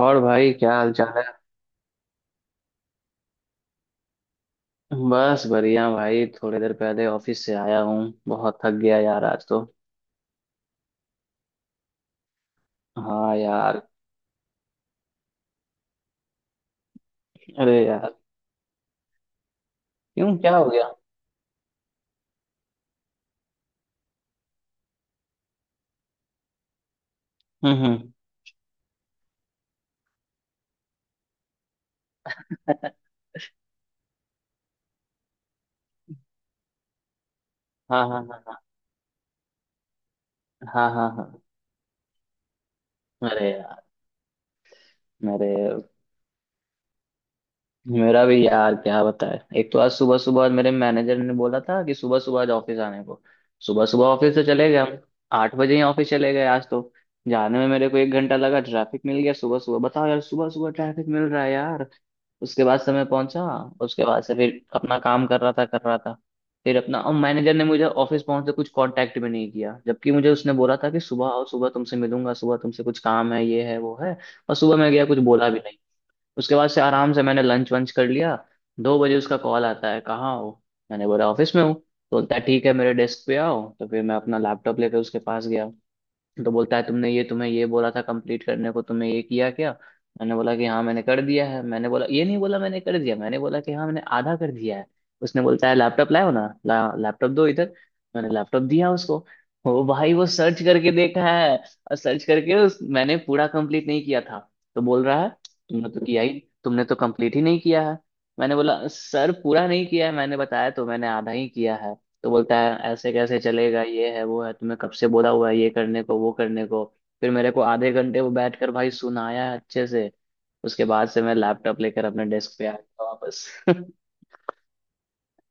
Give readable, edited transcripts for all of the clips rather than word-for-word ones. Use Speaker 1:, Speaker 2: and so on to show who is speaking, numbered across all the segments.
Speaker 1: और भाई क्या हाल चाल है। बस बढ़िया भाई, थोड़ी देर पहले ऑफिस से आया हूँ। बहुत थक गया यार आज तो। हाँ यार। अरे यार। क्यों, क्या हो गया? हम्म। हाँ हाँ हाँ। हाँ हाँ हाँ। अरे यार। मेरे मेरा भी यार क्या बताए, एक तो आज सुबह सुबह मेरे मैनेजर ने बोला था कि सुबह सुबह आज ऑफिस आने को। सुबह सुबह ऑफिस से चले गए हम। 8 बजे ही ऑफिस चले गए आज तो। जाने में मेरे को 1 घंटा लगा, ट्रैफिक मिल गया सुबह सुबह। बताओ यार, सुबह सुबह ट्रैफिक मिल रहा है यार। उसके बाद समय पहुंचा। उसके बाद से फिर अपना काम कर रहा था। फिर अपना, और मैनेजर ने मुझे ऑफिस पहुंचते कुछ कांटेक्ट भी नहीं किया, जबकि मुझे उसने बोला था कि सुबह आओ, सुबह तुमसे मिलूंगा, सुबह तुमसे कुछ काम है, ये है वो है। और सुबह मैं गया, कुछ बोला भी नहीं। उसके बाद से आराम से मैंने लंच वंच कर लिया। 2 बजे उसका कॉल आता है, कहाँ हो। मैंने बोला ऑफिस में हूँ, तो बोलता है ठीक है मेरे डेस्क पे आओ। तो फिर मैं अपना लैपटॉप लेकर उसके पास गया। तो बोलता है तुमने ये तुम्हें ये बोला था कंप्लीट करने को, तुमने ये किया क्या? मैंने बोला कि हाँ मैंने कर दिया है। मैंने बोला ये नहीं, बोला मैंने कर दिया, मैंने बोला कि हाँ मैंने आधा कर दिया है। उसने बोलता है लैपटॉप लाओ ना, लैपटॉप दो इधर। मैंने लैपटॉप दिया उसको। वो भाई वो सर्च करके देखा है। और सर्च करके उस, मैंने पूरा कंप्लीट नहीं किया था। तो बोल रहा है तुमने तो किया ही, तुमने तो कंप्लीट ही नहीं किया है। मैंने बोला सर पूरा नहीं किया है मैंने बताया तो, मैंने आधा ही किया है। तो बोलता है ऐसे कैसे चलेगा, ये है वो है, तुम्हें कब से बोला हुआ है ये करने को वो करने को। फिर मेरे को आधे घंटे वो बैठ कर भाई सुनाया अच्छे से। उसके बाद से मैं लैपटॉप लेकर अपने डेस्क पे आ गया वापस। क्या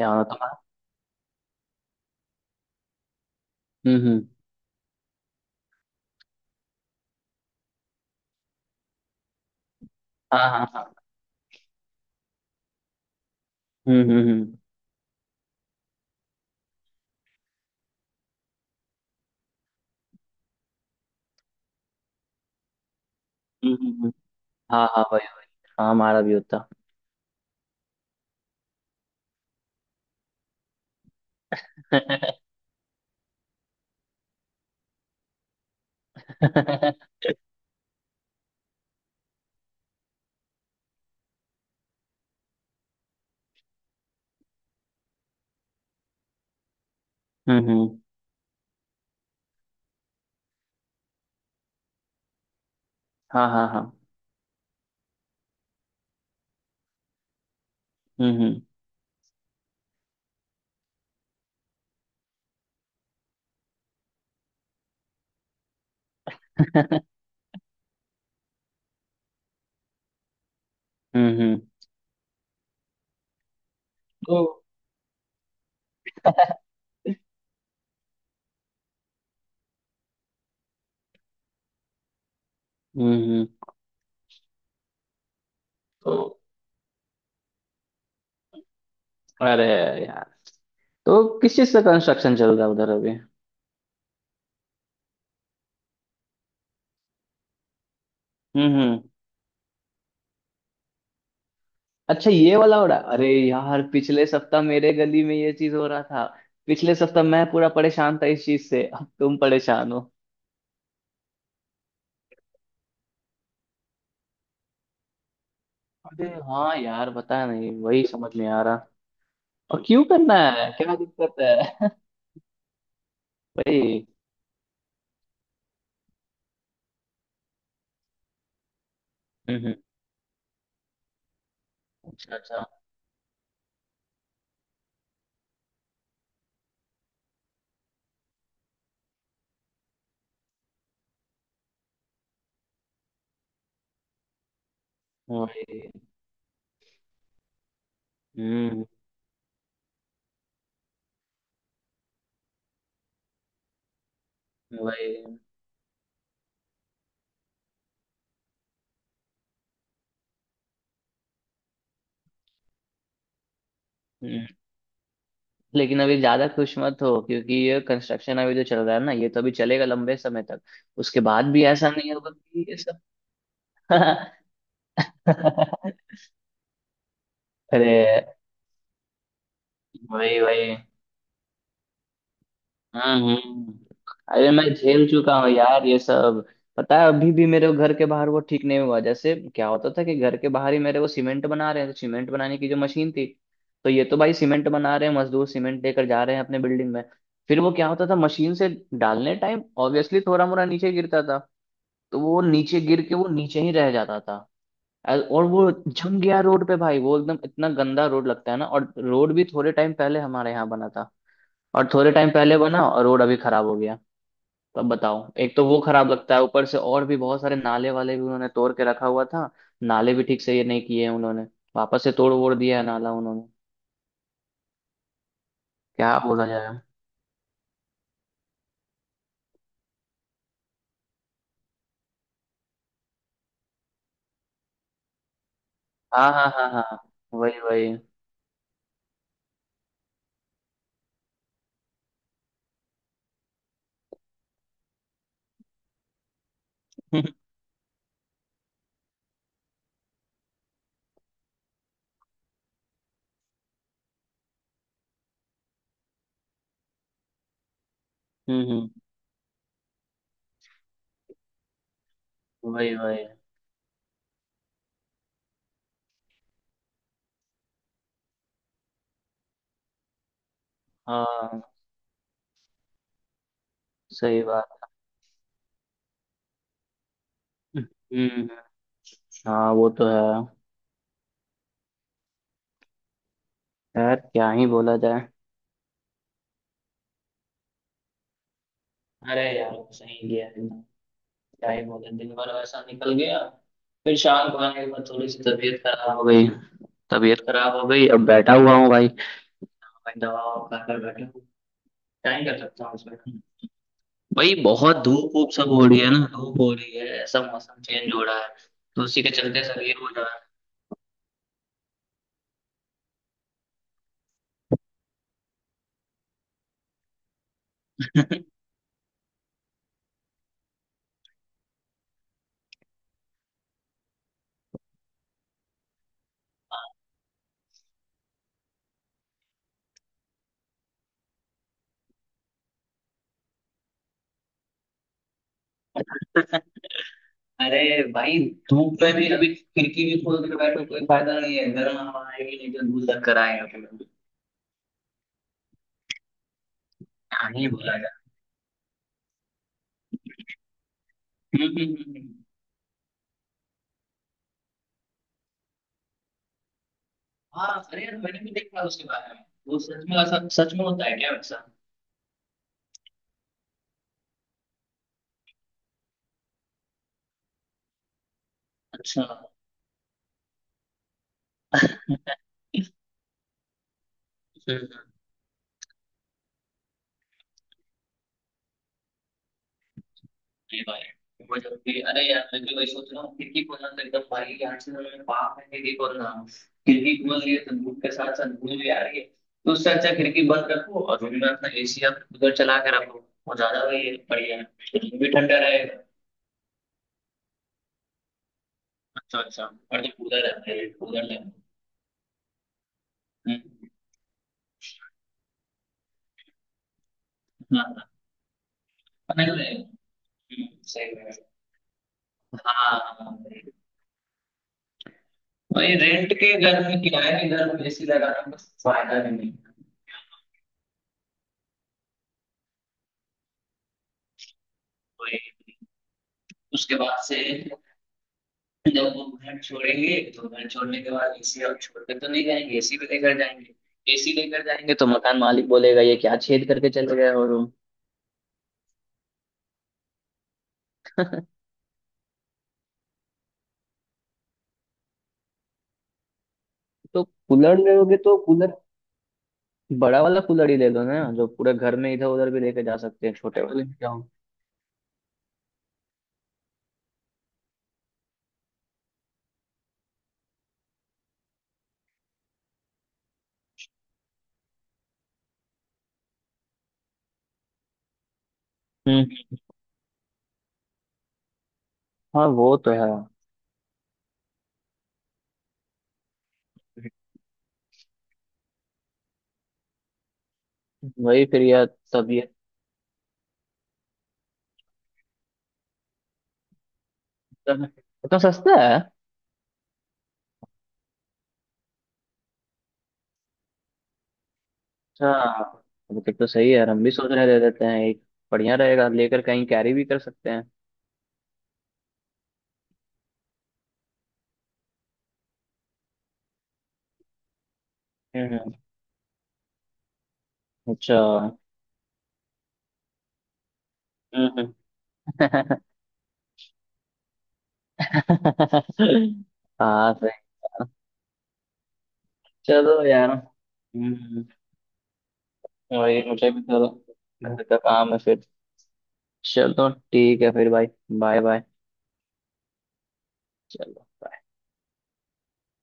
Speaker 1: होना था। हम्म। हाँ हाँ हाँ। हम्म। हम्म, हम्म, हम्म। हाँ हाँ भाई। हाँ हमारा भी होता। हम्म। हाँ हाँ हाँ। हम्म। हम्म। तो। हम्म। तो। अरे यार। तो किस चीज का कंस्ट्रक्शन चल रहा है उधर अभी? हम्म। अच्छा, ये वाला हो रहा। अरे यार, पिछले सप्ताह मेरे गली में ये चीज हो रहा था। पिछले सप्ताह मैं पूरा परेशान था इस चीज से, अब तुम परेशान हो। अरे हाँ यार, पता नहीं, वही समझ नहीं आ रहा। और क्यों करना है, क्या दिक्कत है? वही। हम्म हम्म, अच्छा अच्छा। वही। हम्म। वही। हम्म। लेकिन अभी ज्यादा खुश मत हो, क्योंकि ये कंस्ट्रक्शन अभी जो चल रहा है ना, ये तो अभी चलेगा लंबे समय तक। उसके बाद भी ऐसा नहीं होगा कि ये सब। अरे वही वही। हम्म हम्म। अरे मैं झेल चुका हूँ यार ये सब। पता है, अभी भी मेरे घर के बाहर वो ठीक नहीं हुआ। जैसे क्या होता था कि घर के बाहर ही मेरे वो सीमेंट बना रहे हैं, तो सीमेंट बनाने की जो मशीन थी। तो ये तो भाई सीमेंट बना रहे हैं, मजदूर सीमेंट लेकर जा रहे हैं अपने बिल्डिंग में। फिर वो क्या होता था, मशीन से डालने टाइम ऑब्वियसली थोड़ा मोड़ा नीचे गिरता था। तो वो नीचे गिर के वो नीचे ही रह जाता था। और वो जम गया रोड पे भाई, वो एकदम इतना गंदा रोड लगता है ना, और रोड भी थोड़े टाइम पहले हमारे यहाँ बना था। और थोड़े टाइम पहले बना और रोड अभी खराब हो गया। तो अब बताओ, एक तो वो खराब लगता है ऊपर से, और भी बहुत सारे नाले वाले भी उन्होंने तोड़ के रखा हुआ था। नाले भी ठीक से ये नहीं किए हैं उन्होंने। वापस से तोड़ वोड़ दिया है नाला उन्होंने। क्या बोला जाए। हाँ हाँ हाँ हाँ। वही वही। हम्म हम्म, वही वही। हाँ सही बात। हम्म हम्म। हाँ वो तो है। यार क्या ही बोला जाए। अरे यार सही गया एकदम। क्या ही बोले, दिन भर वैसा निकल गया। फिर शाम को आने के बाद थोड़ी सी तबीयत खराब हो गई। तबीयत खराब हो गई, अब बैठा हुआ हूँ भाई। दबाव कर कर बैठा हूँ। क्या ही कर सकता हूँ उसमें। भाई बहुत धूप वूप सब हो रही है ना, धूप हो रही है, ऐसा मौसम चेंज हो रहा है। तो उसी के चलते सब ये हो जा रहा है। अरे भाई। धूप में भी अभी खिड़की भी खोल के बैठो कोई फायदा नहीं है, गर्म हवा आएगी, नहीं तो धूल लग कर आएगा फिर। यहाँ ही बोला जा। हम्म हम्म, हम्म, हम्म। हाँ अरे यार, मैंने भी देखा उसके बारे में, वो सच में ऐसा सच में होता है क्या वैसा? अच्छा। अरे भाई। वो जब भी, अरे यार मैं भी वही सोच रहा हूँ, खिड़की खोलना तो एकदम भाई यार से मैं पाप है खिड़की खोलना। खिड़की खोल रही है तो धूप के साथ साथ धूल भी आ रही है, तो उससे अच्छा खिड़की बंद रखो और रूम में अपना एसी या फिर कूलर चला के रखो। वो ज्यादा वही बढ़िया है। रूम भी ठंडा रहेगा। अच्छा अच्छा। और जो कूलर रहता है कूलर रहता है। हम्म, हाँ हाँ, नहीं नहीं। हम्म, सही है। हाँ हाँ, वही रेंट के घर में, किराए के घर में एसी लगाना कुछ फायदा भी नहीं है। वही। उसके बाद से जब वो घर छोड़ेंगे, तो घर छोड़ने के बाद एसी और छोड़कर तो नहीं जाएंगे, एसी भी लेकर जाएंगे। एसी लेकर जाएंगे तो मकान मालिक बोलेगा ये क्या छेद करके चले गए हो रूम। तो कूलर लोगे तो कूलर, बड़ा वाला कूलर ही ले लो ना, जो पूरे घर में इधर उधर भी लेके जा सकते हैं, छोटे वाले में क्या हो। हम्म। हाँ वो तो है। वही फिर यार। तब ये इतना सस्ता है? अच्छा। अब तक तो सही है यार, हम भी सोच रहे दे देते हैं एक। बढ़िया रहेगा लेकर, कहीं कैरी भी कर सकते हैं। हम्म। अच्छा। हम्म। हाँ सही कहा। चलो यार। हम्म, वही मुझे भी थोड़ा घर का काम है फिर। चलो ठीक है फिर भाई। Bye bye. चलो